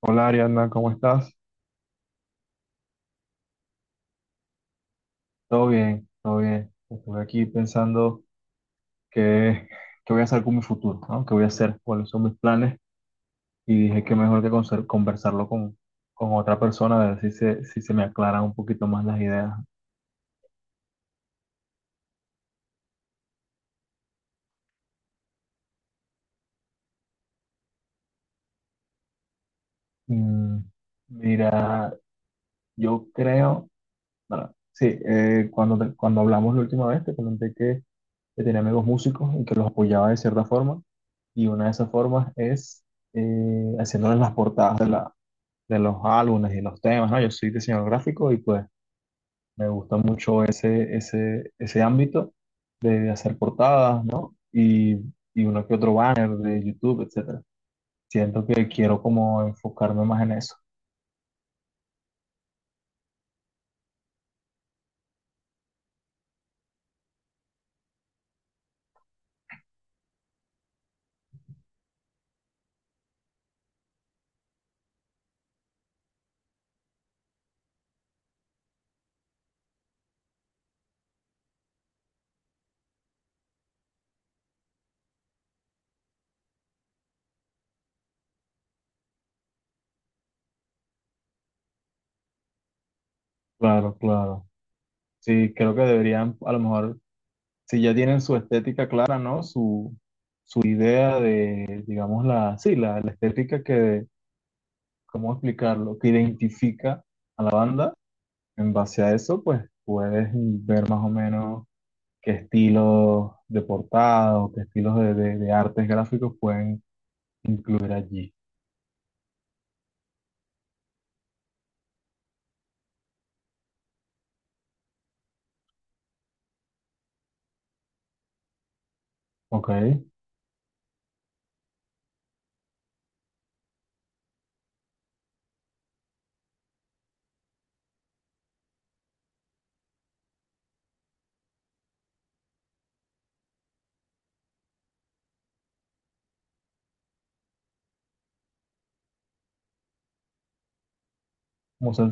Hola, Ariadna, ¿cómo estás? Todo bien, todo bien. Estuve aquí pensando qué, qué voy a hacer con mi futuro, ¿no? ¿Qué voy a hacer? ¿Cuáles son mis planes? Y dije que mejor que conversarlo con otra persona, a ver si si se me aclaran un poquito más las ideas. Mm, mira, yo creo, bueno, sí, cuando, te- cuando hablamos la última vez te comenté que tenía amigos músicos y que los apoyaba de cierta forma. Y una de esas formas es haciéndoles las portadas de los álbumes y los temas, ¿no? Yo soy diseñador gráfico y pues me gusta mucho ese ámbito de hacer portadas, ¿no? Y uno que otro banner de YouTube, etcétera. Siento que quiero como enfocarme más en eso. Claro, claro. Sí, creo que deberían, a lo mejor, si ya tienen su estética clara, ¿no? Su idea de, digamos, la estética que, ¿cómo explicarlo? Que identifica a la banda. En base a eso, pues puedes ver más o menos qué estilos de portada o qué estilos de, de artes gráficos pueden incluir allí. ¿Ok? Como se-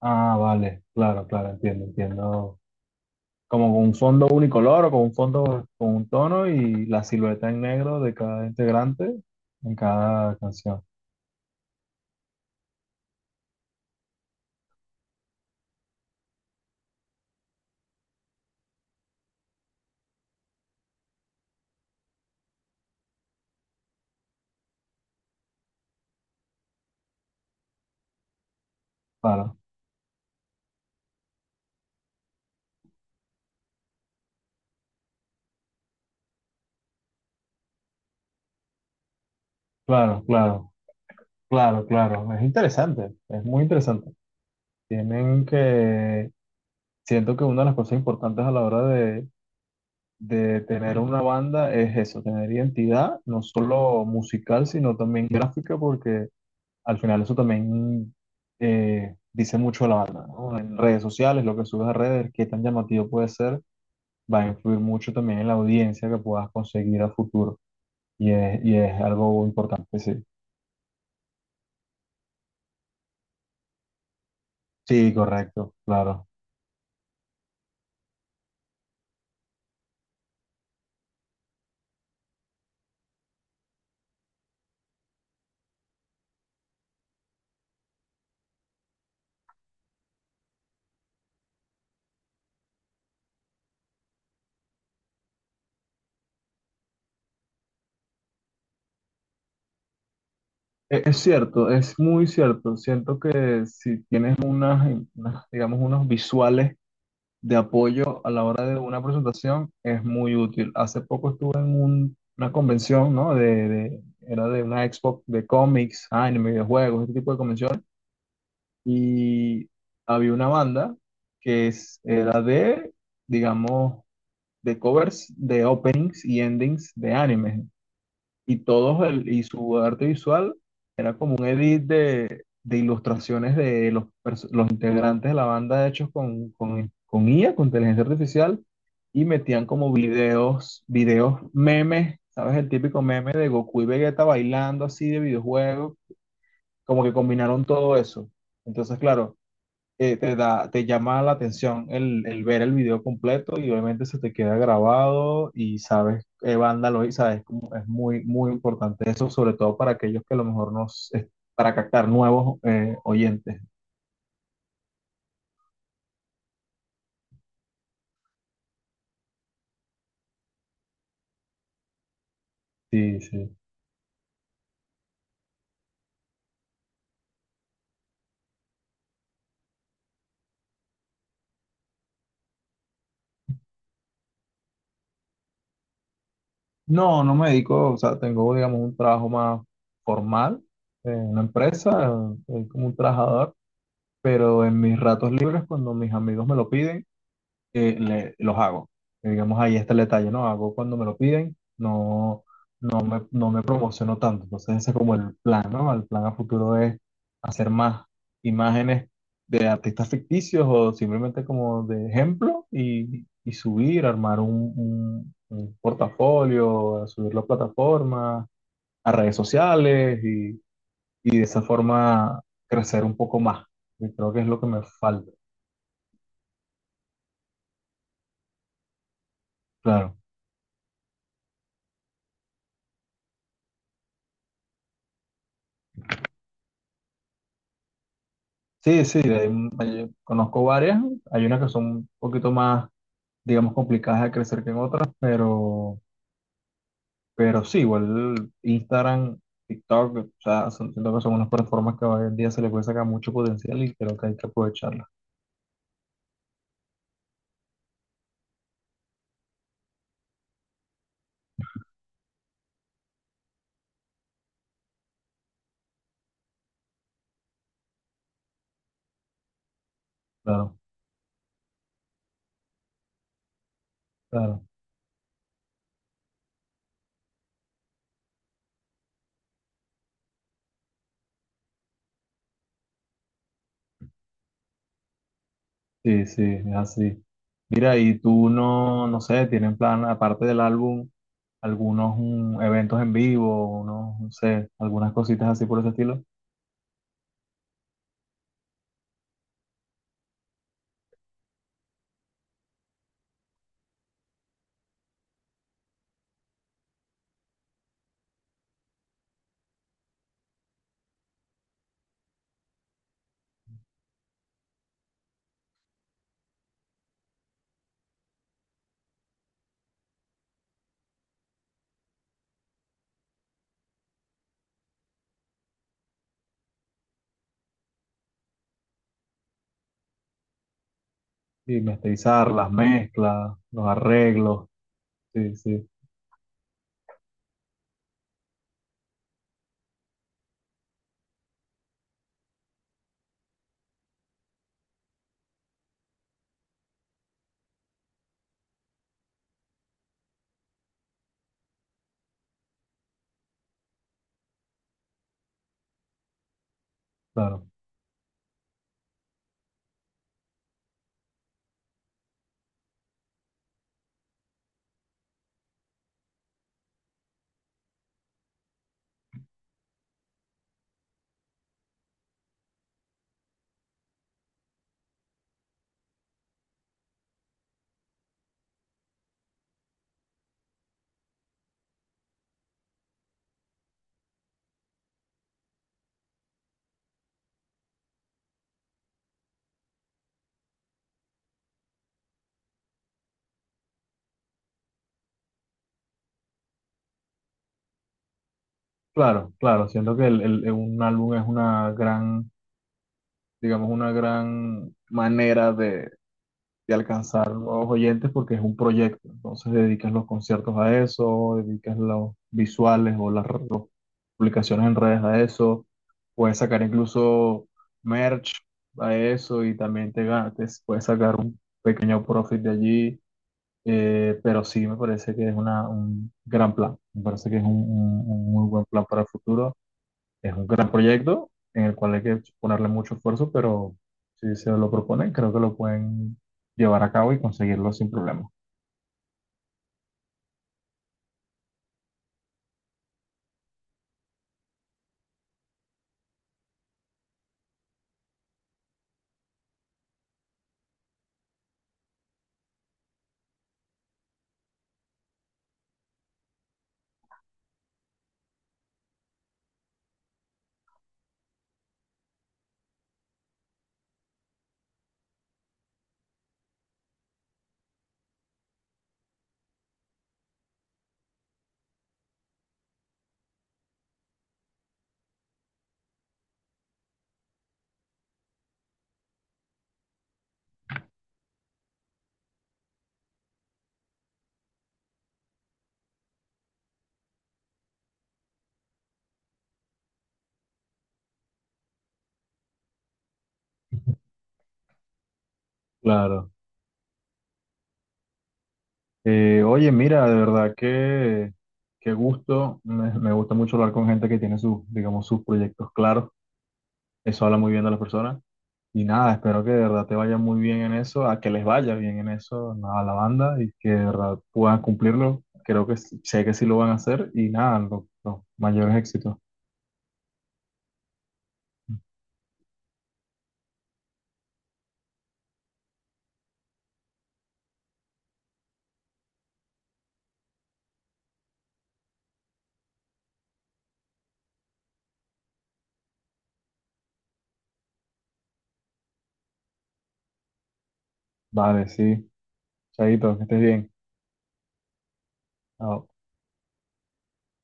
ah, vale, claro, claro, entiendo, entiendo. Como con un fondo unicolor o con un fondo con un tono y la silueta en negro de cada integrante en cada canción. Claro, claro, claro, claro, claro. Es interesante, es muy interesante. Tienen que, siento que una de las cosas importantes a la hora de tener una banda es eso, tener identidad, no solo musical, sino también gráfica, porque al final eso también dice mucho a la banda, ¿no? En redes sociales, lo que subes a redes, qué tan llamativo puede ser, va a influir mucho también en la audiencia que puedas conseguir a futuro. Y es algo importante, sí. Sí, correcto, claro. Es cierto, es muy cierto. Siento que si tienes digamos, unos visuales de apoyo a la hora de una presentación es muy útil. Hace poco estuve en una convención, ¿no? Era de una expo de cómics, anime, videojuegos, este tipo de convenciones. Y había una banda que era de, digamos, de covers de openings y endings de anime y su arte visual era como un edit de ilustraciones de los integrantes de la banda hechos con IA, con inteligencia artificial, y metían como videos, videos memes, ¿sabes? El típico meme de Goku y Vegeta bailando así de videojuego, como que combinaron todo eso. Entonces, claro, te te llama la atención el ver el video completo y obviamente se te queda grabado y sabes qué banda lo hizo, sabes, como es muy, muy importante eso, sobre todo para aquellos que a lo mejor es para captar nuevos oyentes. Sí, sí. No, no me dedico, o sea, tengo, digamos, un trabajo más formal en una empresa, soy como un trabajador, pero en mis ratos libres, cuando mis amigos me lo piden, que los hago. Digamos, ahí está el detalle, ¿no? Hago cuando me lo piden, no, no me promociono tanto. Entonces ese es como el plan, ¿no? El plan a futuro es hacer más imágenes de artistas ficticios o simplemente como de ejemplo y subir, armar un portafolio, subirlo a plataformas, a redes sociales y de esa forma crecer un poco más. Y creo que es lo que me falta. Claro. Sí, sí, hay conozco varias. Hay unas que son un poquito más, digamos, complicadas de crecer que en otras, pero sí, igual Instagram, TikTok, o sea, son, siento que son unas plataformas que hoy en día se le puede sacar mucho potencial y creo que hay que aprovecharlas. Claro, claro. Sí, sí, es así. Mira, y tú no, no sé, tienen plan, aparte del álbum, algunos eventos en vivo, unos, no sé, algunas cositas así por ese estilo. Y masterizar, las mezclas, los arreglos. Sí, sí, claro, claro, claro. Siento que un álbum es una gran, digamos, una gran manera de alcanzar nuevos oyentes porque es un proyecto. Entonces dedicas los conciertos a eso, dedicas los visuales o las publicaciones en redes a eso. Puedes sacar incluso merch a eso y también te puedes sacar un pequeño profit de allí. Pero sí me parece que es un gran plan. Me parece que es un muy buen plan para el futuro. Es un gran proyecto en el cual hay que ponerle mucho esfuerzo, pero si se lo proponen, creo que lo pueden llevar a cabo y conseguirlo sin problema. Claro. Oye, mira, de verdad que qué gusto. Me gusta mucho hablar con gente que tiene sus, digamos, sus proyectos claros. Eso habla muy bien de las personas. Y nada, espero que de verdad te vaya muy bien en eso, a que les vaya bien en eso, nada, a la banda y que de verdad puedan cumplirlo. Creo que sé que sí lo van a hacer y nada, los mayores éxitos. Vale, sí. Chaito, que estés bien. Chao.